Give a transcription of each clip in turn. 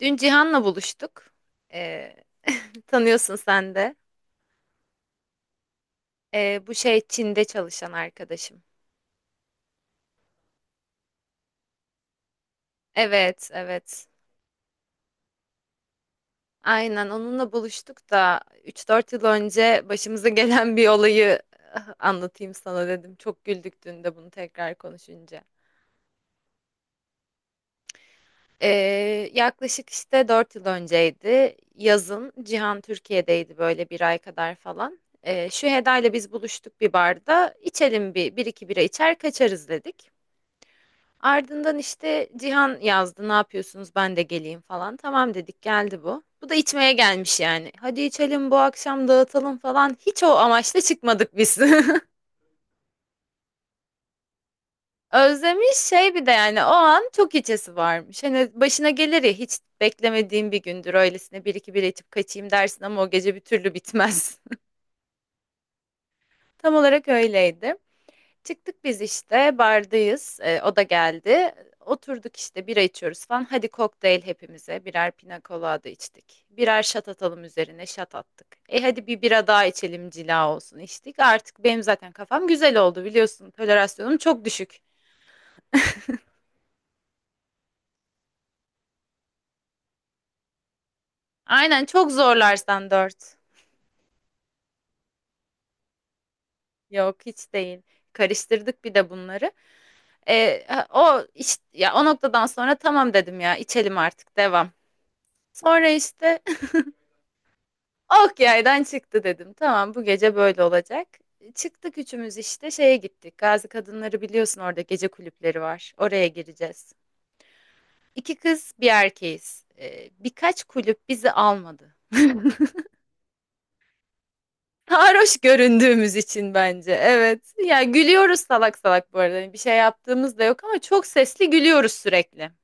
Dün Cihan'la buluştuk. Ee, Tanıyorsun sen de. Bu şey Çin'de çalışan arkadaşım. Evet, evet. Aynen onunla buluştuk da üç dört yıl önce başımıza gelen bir olayı ah, anlatayım sana dedim. Çok güldük dün de bunu tekrar konuşunca. Ee, Yaklaşık işte 4 yıl önceydi. Yazın Cihan Türkiye'deydi böyle bir ay kadar falan. Şu Heda ile biz buluştuk bir barda. İçelim bir iki bira içer kaçarız dedik. Ardından işte Cihan yazdı ne yapıyorsunuz ben de geleyim falan. Tamam dedik geldi bu. Bu da içmeye gelmiş yani. Hadi içelim bu akşam dağıtalım falan. Hiç o amaçla çıkmadık biz. Özlemiş şey bir de yani o an çok içesi varmış. Hani başına gelir ya hiç beklemediğim bir gündür öylesine bir iki bir içip kaçayım dersin ama o gece bir türlü bitmez. Tam olarak öyleydi. Çıktık biz işte bardayız. O da geldi. Oturduk işte bira içiyoruz falan. Hadi kokteyl hepimize. Birer pina colada içtik. Birer şat atalım üzerine şat attık. E hadi bir bira daha içelim cila olsun içtik. Artık benim zaten kafam güzel oldu biliyorsun. Tolerasyonum çok düşük. Aynen çok zorlarsan dört. Yok hiç değil. Karıştırdık bir de bunları. E, ya o noktadan sonra tamam dedim ya içelim artık devam. Sonra işte Ok yaydan çıktı dedim. Tamam bu gece böyle olacak. Çıktık üçümüz işte şeye gittik. Gazi Kadınları biliyorsun orada gece kulüpleri var. Oraya gireceğiz. İki kız bir erkeğiz. Birkaç kulüp bizi almadı. Sarhoş göründüğümüz için bence. Evet. Ya gülüyoruz salak salak bu arada. Hani bir şey yaptığımız da yok ama çok sesli gülüyoruz sürekli.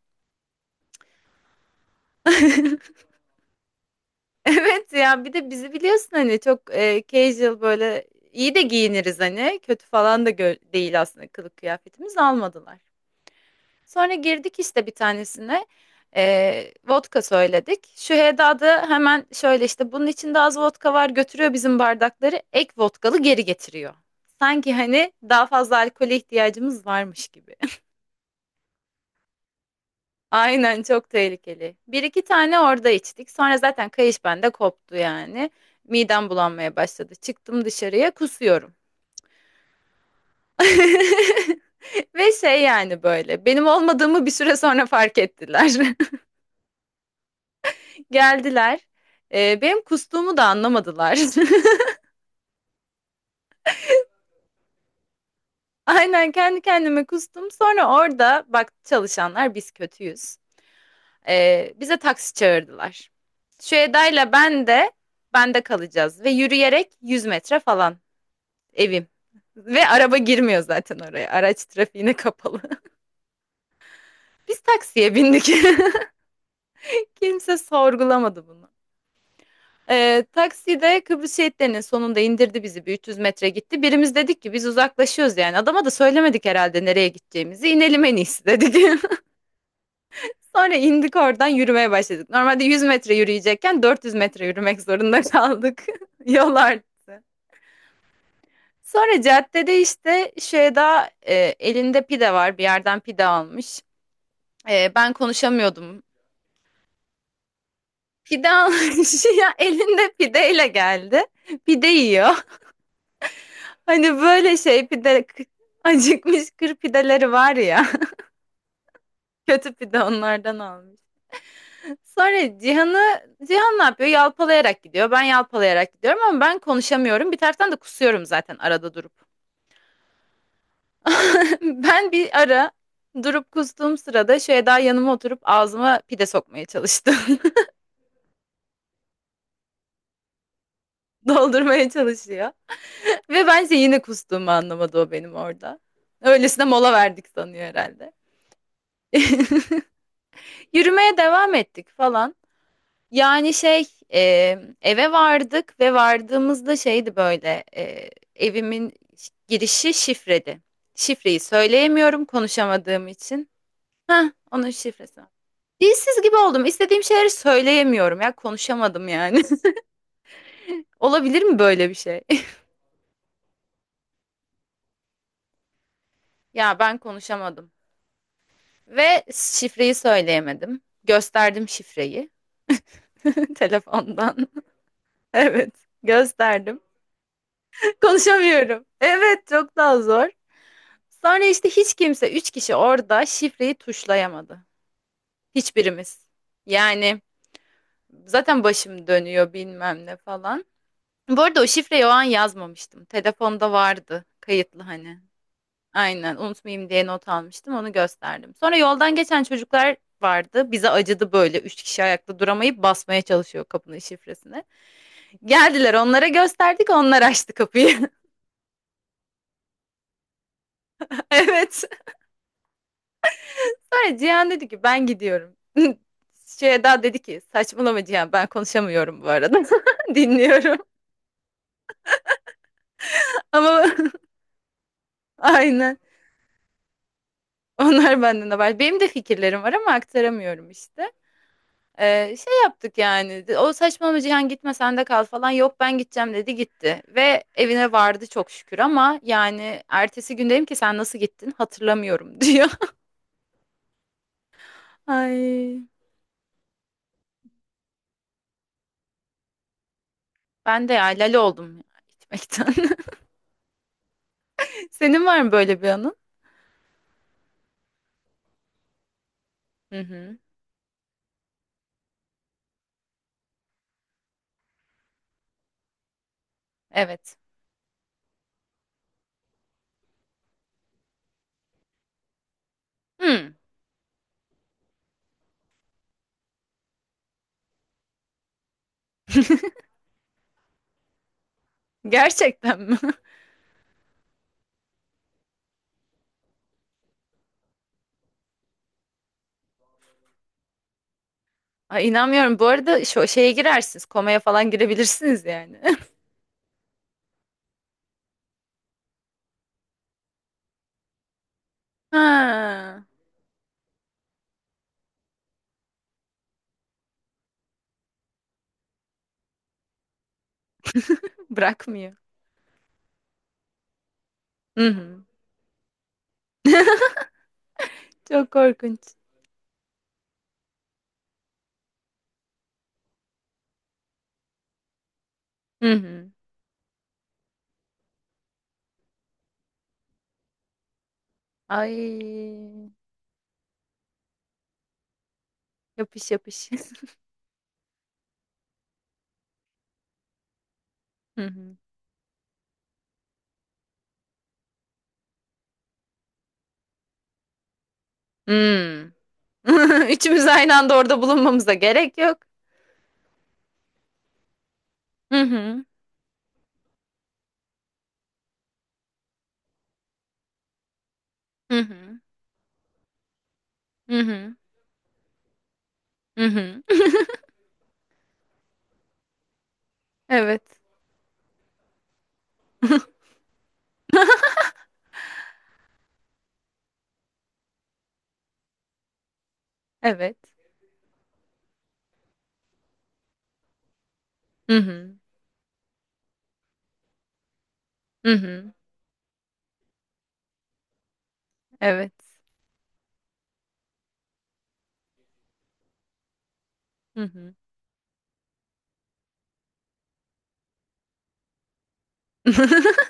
Evet ya bir de bizi biliyorsun hani çok casual böyle iyi de giyiniriz hani. Kötü falan da değil aslında kılık kıyafetimiz almadılar. Sonra girdik işte bir tanesine. Vodka söyledik. Şüheyda da hemen şöyle işte bunun içinde az vodka var götürüyor bizim bardakları. Ek vodkalı geri getiriyor. Sanki hani daha fazla alkole ihtiyacımız varmış gibi. Aynen çok tehlikeli. Bir iki tane orada içtik. Sonra zaten kayış bende koptu yani. Midem bulanmaya başladı. Çıktım dışarıya kusuyorum. Ve şey yani böyle benim olmadığımı bir süre sonra fark ettiler. Geldiler. Benim kustuğumu da anlamadılar. Aynen kendi kendime kustum. Sonra orada baktı çalışanlar biz kötüyüz. Bize taksi çağırdılar. Şu Eda'yla ben de bende kalacağız ve yürüyerek 100 metre falan evim. Ve araba girmiyor zaten oraya. Araç trafiğine kapalı. Biz taksiye bindik. Kimse sorgulamadı bunu. Takside Kıbrıs şehitlerinin sonunda indirdi bizi. Bir 300 metre gitti. Birimiz dedik ki biz uzaklaşıyoruz yani. Adama da söylemedik herhalde nereye gideceğimizi. İnelim en iyisi dedik. Sonra indik oradan yürümeye başladık. Normalde 100 metre yürüyecekken 400 metre yürümek zorunda kaldık. Yol arttı. Sonra caddede işte Şeyda elinde pide var. Bir yerden pide almış. Ben konuşamıyordum. Pide almış. Ya elinde pideyle geldi. Pide yiyor. Hani böyle şey pide acıkmış kır pideleri var ya. Kötü pide onlardan almış. Sonra Cihan ne yapıyor? Yalpalayarak gidiyor. Ben yalpalayarak gidiyorum ama ben konuşamıyorum. Bir taraftan da kusuyorum zaten arada durup. Ben bir ara durup kustuğum sırada daha yanıma oturup ağzıma pide sokmaya çalıştım. Doldurmaya çalışıyor. Ve bence yine kustuğumu anlamadı o benim orada. Öylesine mola verdik sanıyor herhalde. Yürümeye devam ettik falan. Yani e, eve vardık ve vardığımızda şeydi böyle evimin girişi şifredi. Şifreyi söyleyemiyorum konuşamadığım için. Heh, onun şifresi. Dilsiz gibi oldum. İstediğim şeyleri söyleyemiyorum ya konuşamadım yani. Olabilir mi böyle bir şey? Ya ben konuşamadım ve şifreyi söyleyemedim. Gösterdim şifreyi telefondan. Evet, gösterdim. Konuşamıyorum. Evet, çok daha zor. Sonra işte hiç kimse, üç kişi orada şifreyi tuşlayamadı. Hiçbirimiz. Yani zaten başım dönüyor bilmem ne falan. Bu arada o şifreyi o an yazmamıştım. Telefonda vardı kayıtlı hani. Aynen unutmayayım diye not almıştım onu gösterdim. Sonra yoldan geçen çocuklar vardı. Bize acıdı böyle üç kişi ayakta duramayıp basmaya çalışıyor kapının şifresini. Geldiler onlara gösterdik onlar açtı kapıyı. Evet. Sonra Cihan dedi ki ben gidiyorum. Şey Eda dedi ki saçmalama Cihan ben konuşamıyorum bu arada. Dinliyorum. Ama aynen. Onlar benden haber. Benim de fikirlerim var ama aktaramıyorum işte. Şey yaptık yani. O saçmalama Cihan gitme sen de kal falan. Yok ben gideceğim dedi gitti. Ve evine vardı çok şükür ama yani ertesi gün dedim ki sen nasıl gittin hatırlamıyorum diyor. Ay ben de ya lale oldum ya gitmekten. Senin var mı böyle bir anın? Hı hı. Evet. Hmm. Gerçekten mi? Ay inanmıyorum. Bu arada şu şeye girersiniz. Komaya falan girebilirsiniz yani. Ha, bırakmıyor. Hı hı. Çok korkunç. Hı hı. Ay yapış yapış. Hı hı. Hmm. Üçümüz aynı anda orada bulunmamıza gerek yok. Hı hı. Hı hı. Hı hı. Hı hı. Evet. Evet. Hı hı. Hı hı. Evet. Hı hı.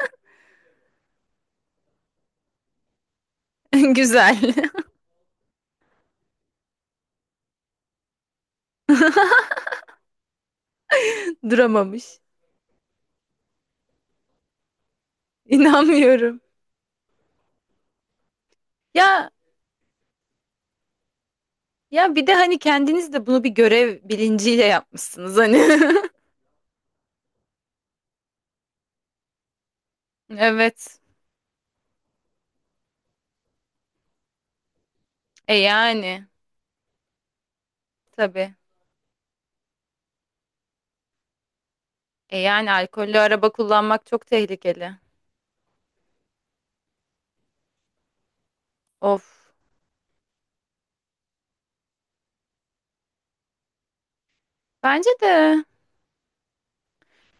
Güzel. Duramamış. İnanmıyorum. Ya Ya bir de hani kendiniz de bunu bir görev bilinciyle yapmışsınız hani. Evet. E yani tabii. E yani alkollü araba kullanmak çok tehlikeli. Of. Bence de.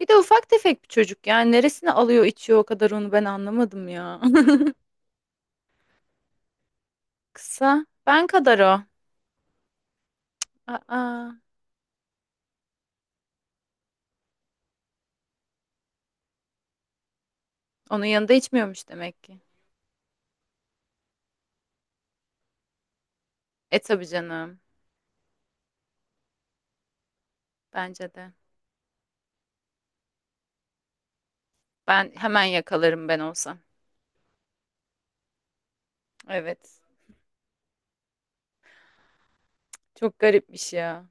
Bir de ufak tefek bir çocuk yani neresine alıyor içiyor o kadar onu ben anlamadım ya. Kısa. Ben kadar o. Aa, onun yanında içmiyormuş demek ki. E tabii canım. Bence de. Ben hemen yakalarım ben olsam. Evet. Çok garipmiş ya.